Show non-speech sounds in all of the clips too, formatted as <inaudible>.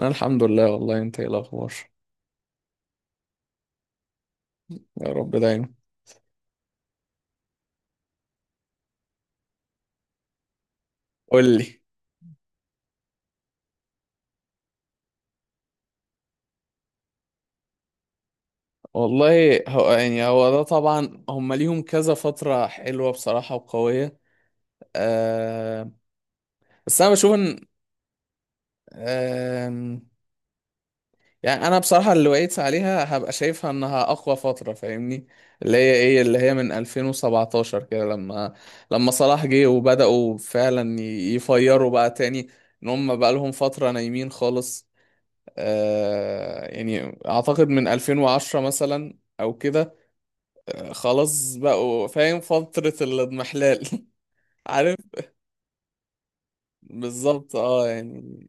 انا الحمد لله، والله، انت ايه الاخبار؟ يا رب دايما. قول لي. والله، هو يعني هو ده طبعا هم ليهم كذا فترة حلوة بصراحة وقوية. أه، بس انا بشوف ان أه، يعني انا بصراحة اللي وقيت عليها هبقى شايفها انها اقوى فترة فاهمني، اللي هي من 2017 كده، لما صلاح جه وبدأوا فعلا يفيروا بقى تاني، ان هم بقى لهم فترة نايمين خالص. يعني اعتقد من 2010 مثلا او كده. خلاص، بقوا فاهم فترة الاضمحلال. <laughs> عارف. بالظبط، اه يعني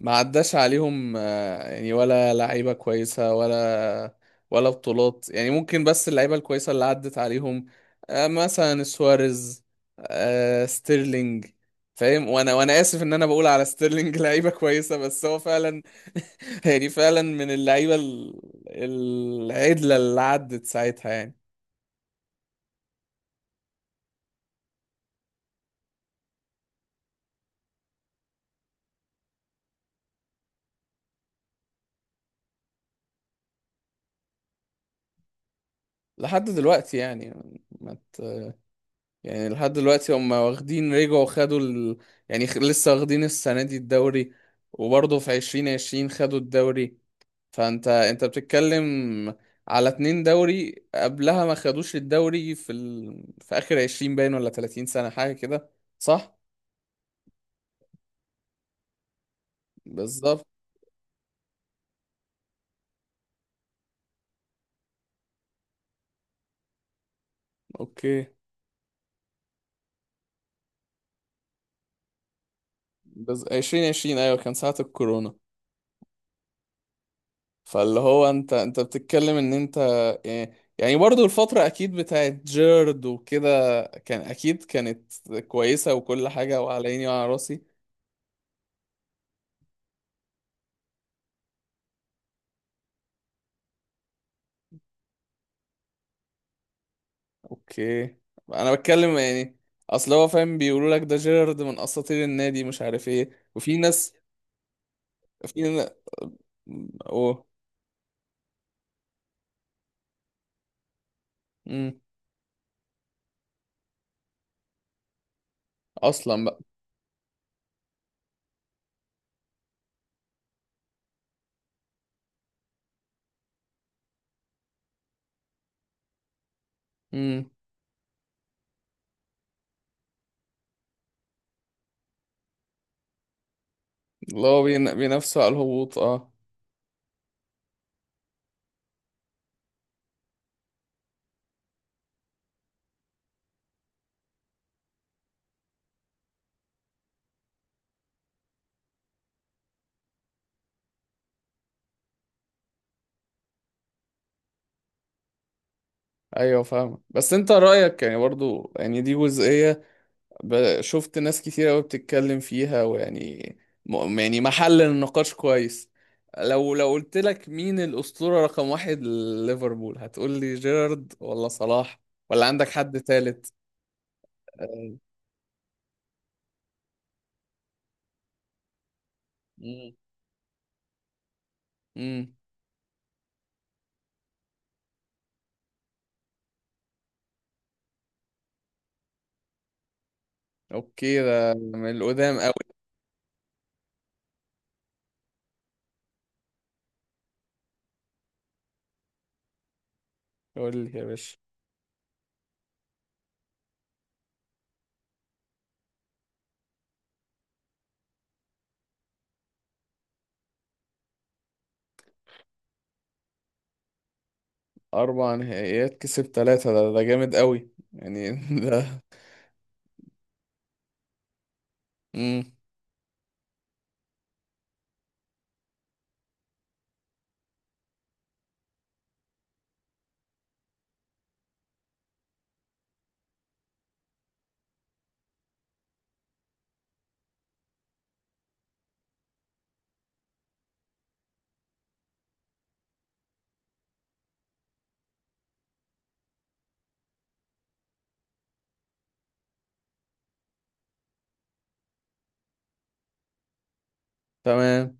ما عداش عليهم، يعني ولا لعيبة كويسة ولا ولا بطولات، يعني ممكن. بس اللعيبة الكويسة اللي عدت عليهم، مثلا سواريز، ستيرلينج، فاهم؟ وانا اسف ان انا بقول على ستيرلينج <laughs> لعيبة كويسة بس هو فعلا. <laughs> يعني فعلا من اللعيبة العدلة اللي عدت ساعتها يعني. لحد دلوقتي يعني ما ت- يعني لحد دلوقتي هم واخدين، رجعوا خدوا يعني لسه واخدين السنة دي الدوري، وبرضه في 2020 خدوا الدوري. فانت بتتكلم على اتنين دوري، قبلها ما خدوش الدوري في اخر عشرين باين ولا 30 سنة حاجة كده، صح؟ بالظبط. اوكي. بس 2020، ايوه، كان ساعة الكورونا. فاللي هو انت بتتكلم ان انت يعني يعني برضو الفترة اكيد بتاعت جيرد وكده كان اكيد كانت كويسة وكل حاجة وعلى عيني وعلى راسي. اوكي. انا بتكلم يعني، اصل هو فاهم، بيقولوا لك ده جيرد من اساطير النادي مش عارف ايه وفي ناس، في ن- اوه. امم اصلا بقى. امم اللي هو بينافسوا على الهبوط، اه. ايوه فاهمة، بس انت رأيك يعني، برضو، يعني دي جزئية، شفت ناس كتير قوي بتتكلم فيها ويعني، يعني محل النقاش كويس. لو قلت لك مين الأسطورة رقم واحد لليفربول، هتقول لي جيرارد ولا صلاح، ولا عندك حد تالت؟ أه. مم. مم. اوكي، ده من القدام قوي. قول لي يا باشا. 4 نهائيات كسب ثلاثة، ده جامد قوي يعني. <laughs> ده مم. تمام.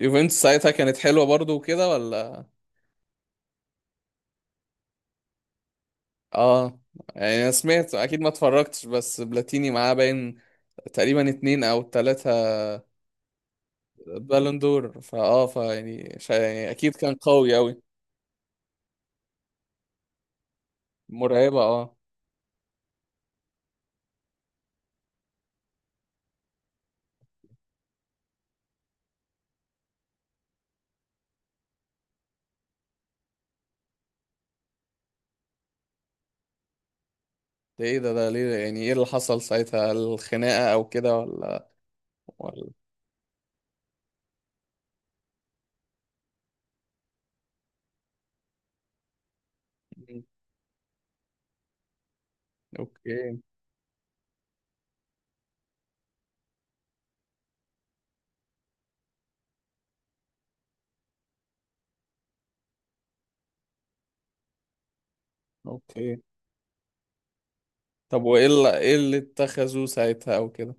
يوفنتوس ساعتها كانت حلوة برضو وكده ولا؟ اه. يعني انا سمعت، اكيد ما اتفرجتش، بس بلاتيني معاه باين تقريبا اتنين او تلاتة بالون دور، يعني اكيد كان قوي اوي. مرعبة، اه. ده ايه ده ليه، يعني ايه اللي حصل ساعتها، الخناقة او كده ولا؟ ولا. مم. اوكي. اوكي، طب وايه اللي ايه اللي اتخذوه ساعتها او كده؟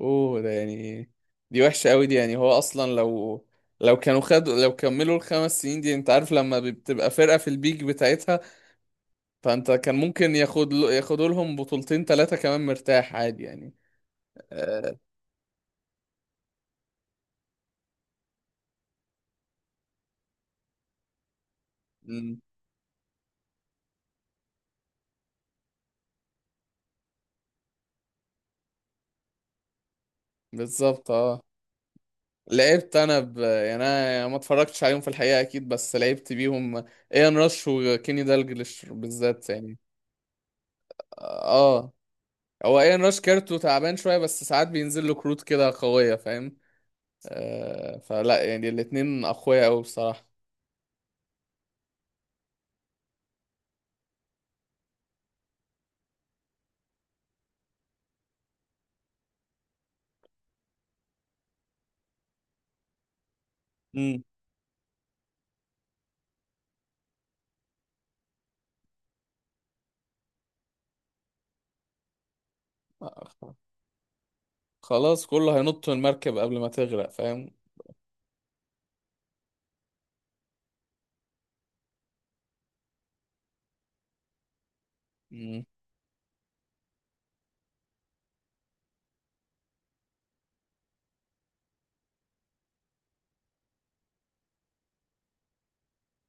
اوه، ده يعني دي وحشة اوي دي. يعني هو اصلا لو كانوا خدوا لو كملوا ال5 سنين دي، انت عارف لما بتبقى فرقة في البيك بتاعتها، فانت كان ممكن ياخدوا لهم بطولتين ثلاثة كمان مرتاح عادي يعني. آه. مم. بالظبط، اه. لعبت انا يعني انا، يعني ما اتفرجتش عليهم في الحقيقة اكيد، بس لعبت بيهم. ايان راش وكيني دالجلش بالذات يعني. اه. هو ايان راش كارته تعبان شوية، بس ساعات بينزل له كروت كده قوية، فاهم؟ آه، فلا، يعني الاتنين اقوياء قوي بصراحة. مم. خلاص كله هينط من المركب قبل ما تغرق، فاهم؟ مم.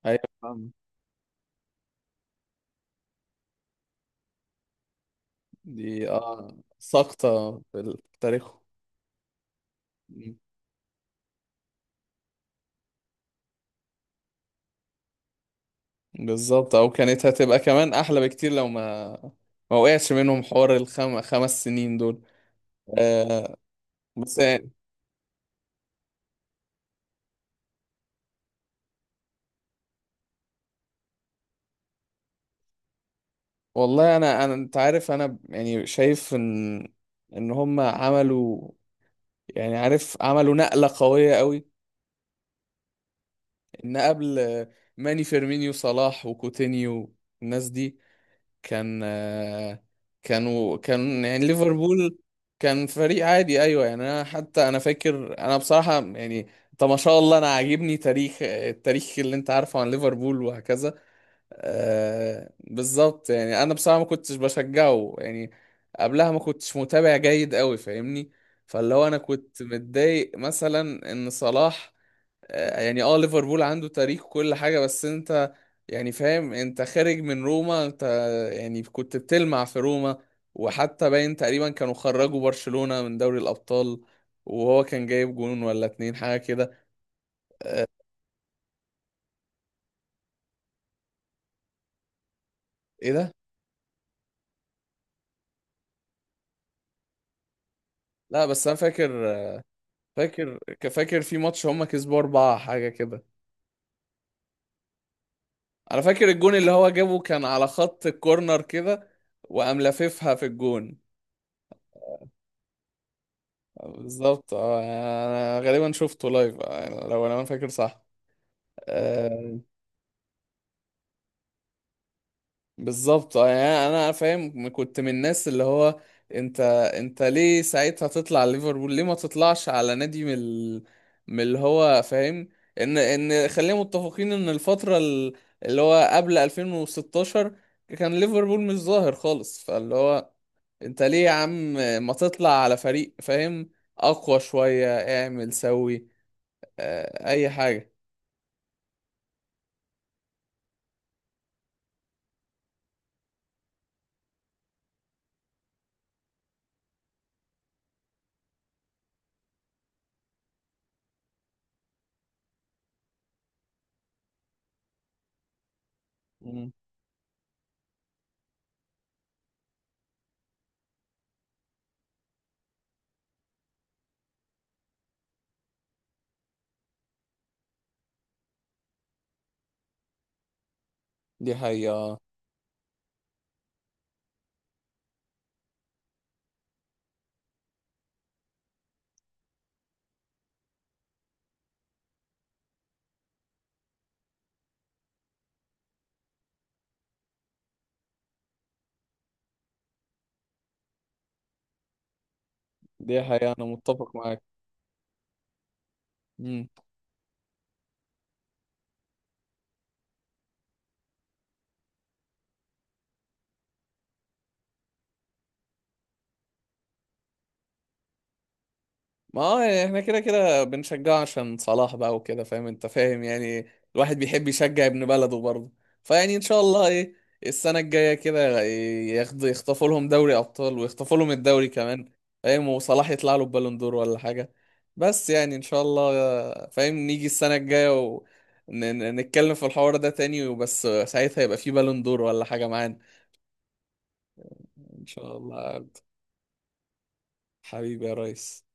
أيوة. دي اه ساقطة في تاريخه. مم. بالظبط، او كانت هتبقى كمان احلى بكتير لو ما وقعش منهم حوار 5 سنين دول. آه. بس يعني، والله، انا انت عارف انا يعني شايف ان هم عملوا، يعني عارف، عملوا نقلة قوية قوي. ان قبل ماني فيرمينيو صلاح وكوتينيو، الناس دي، كان آه، كان يعني ليفربول كان فريق عادي. ايوه يعني، انا حتى انا فاكر، انا بصراحه يعني، طب ما شاء الله، انا عاجبني تاريخ التاريخ اللي انت عارفه عن ليفربول وهكذا. آه، بالظبط. يعني انا بصراحه ما كنتش بشجعه يعني، قبلها ما كنتش متابع جيد قوي، فاهمني؟ فاللي هو انا كنت متضايق مثلا ان صلاح، يعني، اه، ليفربول عنده تاريخ وكل حاجة، بس انت يعني فاهم، انت خارج من روما، انت يعني كنت بتلمع في روما، وحتى باين تقريبا كانوا خرجوا برشلونة من دوري الأبطال، وهو كان جايب جون ولا اتنين حاجة كده. ايه ده؟ لا، بس انا فاكر، فاكر فاكر في ماتش هما كسبوا أربعة حاجة كده. انا فاكر الجون اللي هو جابه كان على خط الكورنر كده، وقام لاففها في الجون. بالظبط، اه، انا غالبا شفته لايف، لو انا فاكر صح. آه، بالظبط. يعني انا فاهم، كنت من الناس اللي هو، انت ليه ساعتها تطلع على ليفربول؟ ليه ما تطلعش على نادي من اللي هو، فاهم؟ ان خلينا متفقين ان الفترة اللي هو قبل 2016 كان ليفربول مش ظاهر خالص. فاللي هو، انت ليه يا عم ما تطلع على فريق، فاهم، اقوى شوية، اعمل سوي، آه، اي حاجة. مم. دي حقيقة، آه. دي حقيقة، انا متفق معاك. ما هو يعني احنا كده كده بنشجعه عشان صلاح بقى وكده، فاهم انت، فاهم يعني، الواحد بيحب يشجع ابن بلده برضه. فيعني ان شاء الله، ايه، السنة الجاية كده يخطفوا لهم دوري ابطال، ويخطفوا لهم الدوري كمان، فاهم؟ وصلاح يطلع له بالون دور ولا حاجة. بس يعني ان شاء الله، فاهم، نيجي السنة الجاية ونتكلم في الحوار ده تاني، وبس ساعتها يبقى في بالون دور ولا حاجة معانا. ان شاء الله. حبيبي يا ريس.